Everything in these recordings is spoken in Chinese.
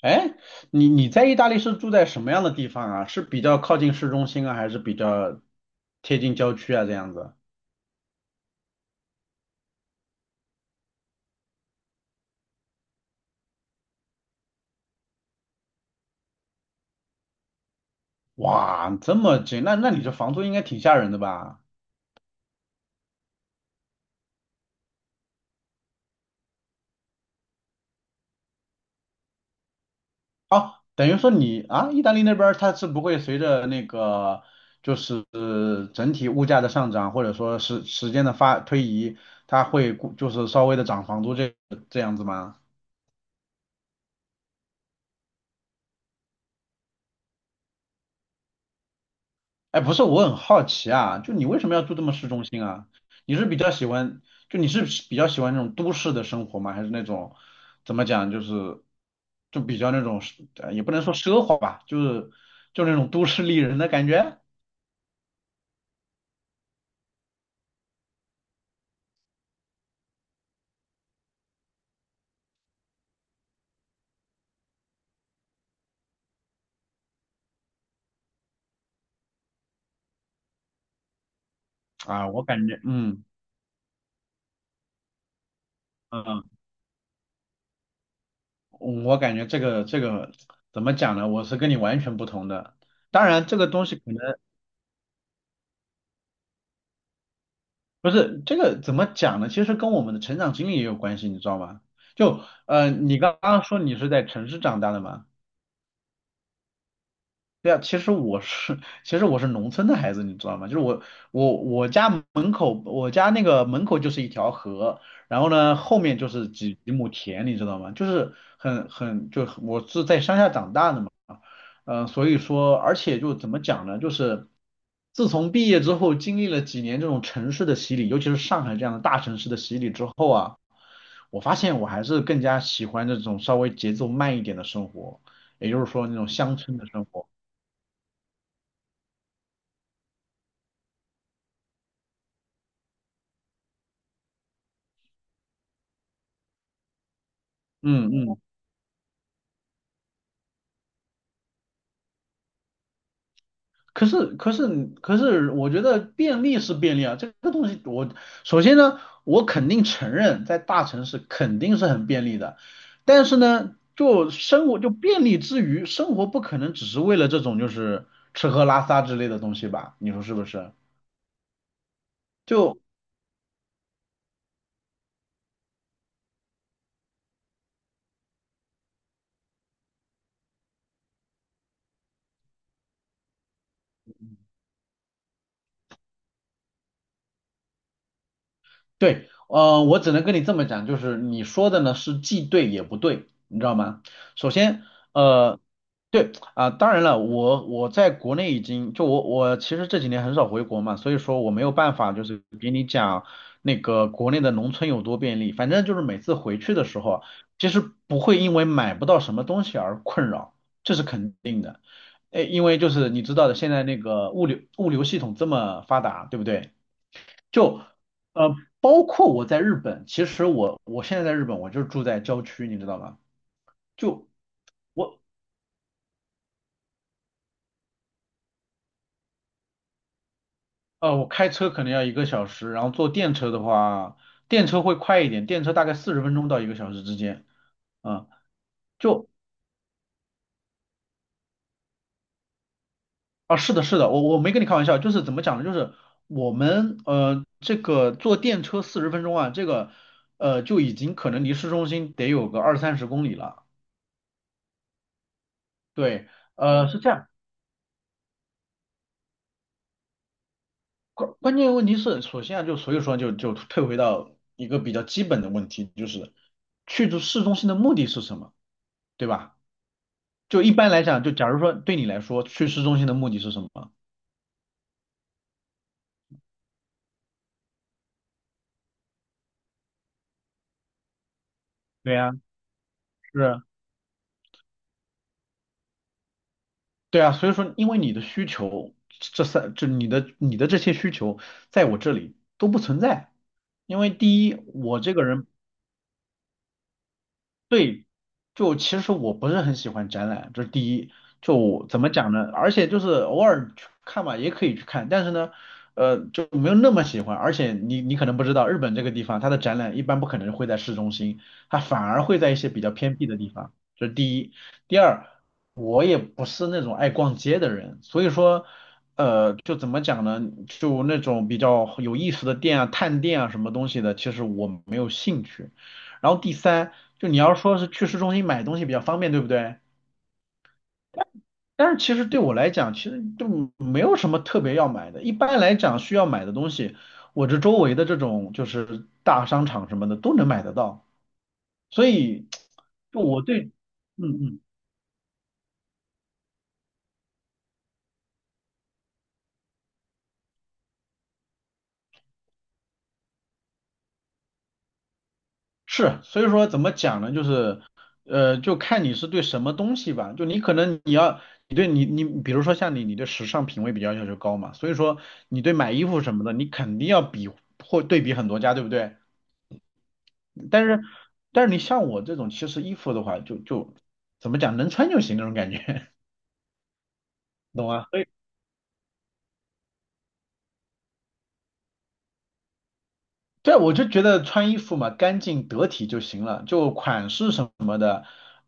哎，你在意大利是住在什么样的地方啊？是比较靠近市中心啊，还是比较贴近郊区啊？这样子？哇，这么近，那你这房租应该挺吓人的吧？哦，等于说你啊，意大利那边儿它是不会随着那个就是整体物价的上涨，或者说时间的推移，它会就是稍微的涨房租这样子吗？哎，不是，我很好奇啊，就你为什么要住这么市中心啊？你是比较喜欢，你是比较喜欢那种都市的生活吗？还是那种怎么讲，就是比较那种也不能说奢华吧，就是那种都市丽人的感觉啊。嗯，嗯我感觉这个怎么讲呢？我是跟你完全不同的。当然，这个东西可能。不是，这个怎么讲呢？其实跟我们的成长经历也有关系，你知道吗？就你刚刚说你是在城市长大的嘛。对啊，其实我是，其实我是农村的孩子，你知道吗？我家门口，我家那个门口就是一条河，然后呢，后面就是几亩田，你知道吗？就是很很，就很我是在乡下长大的嘛。所以说，而且就怎么讲呢？就是自从毕业之后，经历了几年这种城市的洗礼，尤其是上海这样的大城市的洗礼之后啊，我发现我还是更加喜欢这种稍微节奏慢一点的生活，也就是说那种乡村的生活。嗯嗯，可是可是可是，我觉得便利是便利啊。这个东西我首先呢，我肯定承认在大城市肯定是很便利的。但是呢，就生活，就便利之余，生活不可能只是为了这种就是吃喝拉撒之类的东西吧，你说是不是？就对，我只能跟你这么讲，就是你说的呢是既对也不对，你知道吗？首先，呃，对啊，当然了，我在国内已经就我我其实这几年很少回国嘛，所以说我没有办法就是给你讲那个国内的农村有多便利，反正就是每次回去的时候，其实不会因为买不到什么东西而困扰，这是肯定的。诶，因为就是你知道的，现在那个物流系统这么发达，对不对？就呃，包括我在日本，其实我现在在日本，我就住在郊区，你知道吗？就我我开车可能要1个小时，然后坐电车的话，电车会快一点，电车大概四十分钟到一个小时之间。啊，就是的，是的，我没跟你开玩笑，就是怎么讲呢？就是我们这个坐电车40分钟啊，这个就已经可能离市中心得有个二三十公里了。对，是这样。关键问题是，首先啊，就所以说就退回到一个比较基本的问题，就是去市中心的目的是什么，对吧？就一般来讲，就假如说对你来说，去市中心的目的是什么？对呀，是，对啊，所以说因为你的需求，这三就你的你的这些需求，在我这里都不存在。因为第一，我这个人，就其实我不是很喜欢展览，这是第一。就我怎么讲呢？而且就是偶尔去看吧，也可以去看，但是呢，就没有那么喜欢。而且你可能不知道，日本这个地方它的展览一般不可能会在市中心，它反而会在一些比较偏僻的地方。这是第一。第二，我也不是那种爱逛街的人，所以说，就怎么讲呢？就那种比较有意思的店啊、探店啊什么东西的，其实我没有兴趣。然后第三，就你要说是去市中心买东西比较方便，对不对？但是其实对我来讲，其实就没有什么特别要买的。一般来讲，需要买的东西，我这周围的这种就是大商场什么的都能买得到。所以，就我对，嗯嗯是，所以说怎么讲呢？就是，就看你是对什么东西吧。就你可能你要，你对你你，比如说像你，你对时尚品味比较要求高嘛，所以说你对买衣服什么的，你肯定要比或对比很多家，对不对？但是但是你像我这种，其实衣服的话，就怎么讲，能穿就行那种感觉，懂吗？所以对，我就觉得穿衣服嘛，干净得体就行了，就款式什么。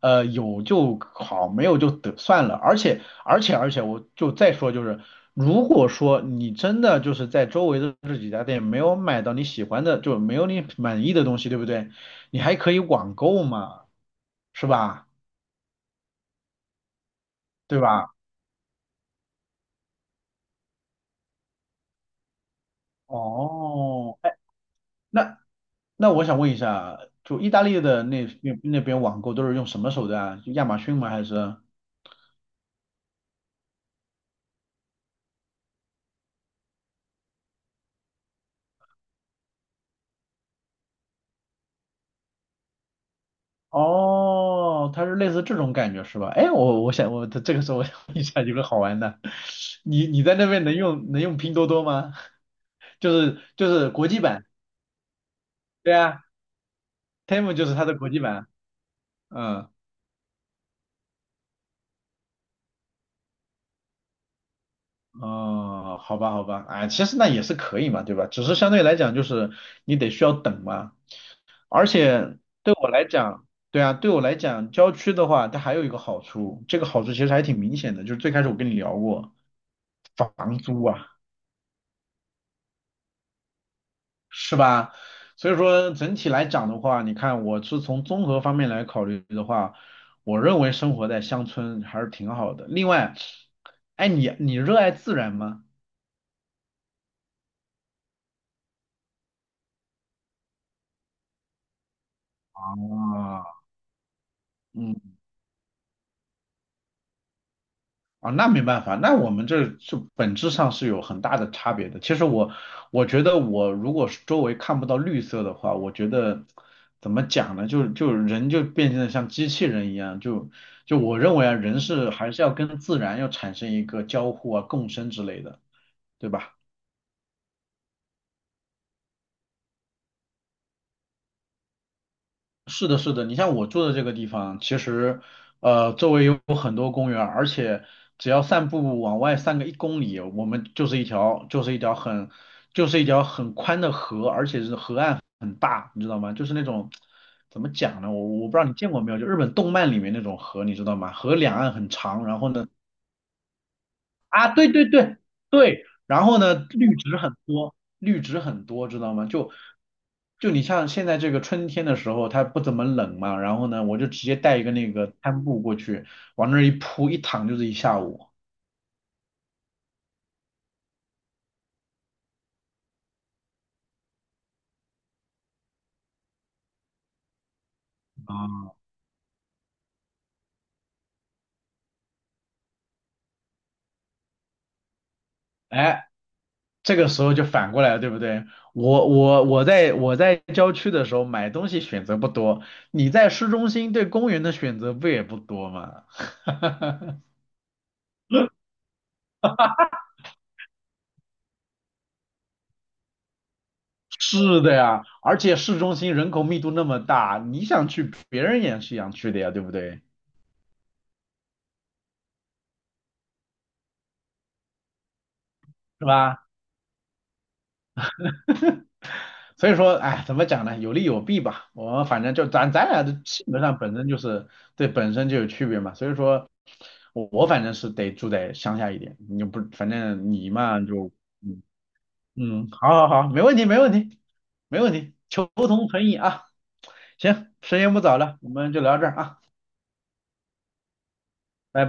有就好，没有就得算了。而且，而且，而且，我就再说，就是如果说你真的就是在周围的这几家店没有买到你喜欢的，就没有你满意的东西，对不对？你还可以网购嘛，是吧？对吧？哦，哎，那那我想问一下，就意大利的那边网购都是用什么手段啊？就亚马逊吗？还是？哦，它是类似这种感觉是吧？哎，我这个时候想问一下有个好玩的，你在那边能用拼多多吗？就是国际版，对啊，Temu 就是它的国际版，嗯。哦，好吧，好吧，哎，其实那也是可以嘛，对吧？只是相对来讲，就是你得需要等嘛。而且对我来讲，对啊，对我来讲，郊区的话，它还有一个好处，这个好处其实还挺明显的，就是最开始我跟你聊过，房租啊。是吧？所以说整体来讲的话，你看我是从综合方面来考虑的话，我认为生活在乡村还是挺好的。另外，哎，你热爱自然吗？啊，嗯。啊，那没办法，那我们这是本质上是有很大的差别的。其实我觉得我如果是周围看不到绿色的话，我觉得怎么讲呢？就人就变成了像机器人一样，就我认为啊，人是还是要跟自然要产生一个交互啊、共生之类的，对吧？是的，是的，你像我住的这个地方，其实周围有很多公园儿。而且只要散步往外散个1公里，我们就是一条很宽的河，而且是河岸很大，你知道吗？就是那种怎么讲呢？我不知道你见过没有，就日本动漫里面那种河，你知道吗？河两岸很长，然后呢。啊，对对对对，然后呢，绿植很多，绿植很多，知道吗？就你像现在这个春天的时候，它不怎么冷嘛，然后呢，我就直接带一个那个摊布过去，往那儿一铺，一躺就是一下午。啊，哎，这个时候就反过来了，对不对？我在郊区的时候买东西选择不多，你在市中心对公园的选择不也不多吗？是的呀，而且市中心人口密度那么大，你想去，别人也是想去的呀，对不对？是吧？所以说，哎，怎么讲呢？有利有弊吧。我们反正就咱俩的性格上本身就是对，本身就有区别嘛，所以说我反正是得住在乡下一点，你就不反正你嘛就嗯嗯，好好好，没问题，没问题，没问题，求同存异啊。行，时间不早了，我们就聊到这儿啊。拜拜。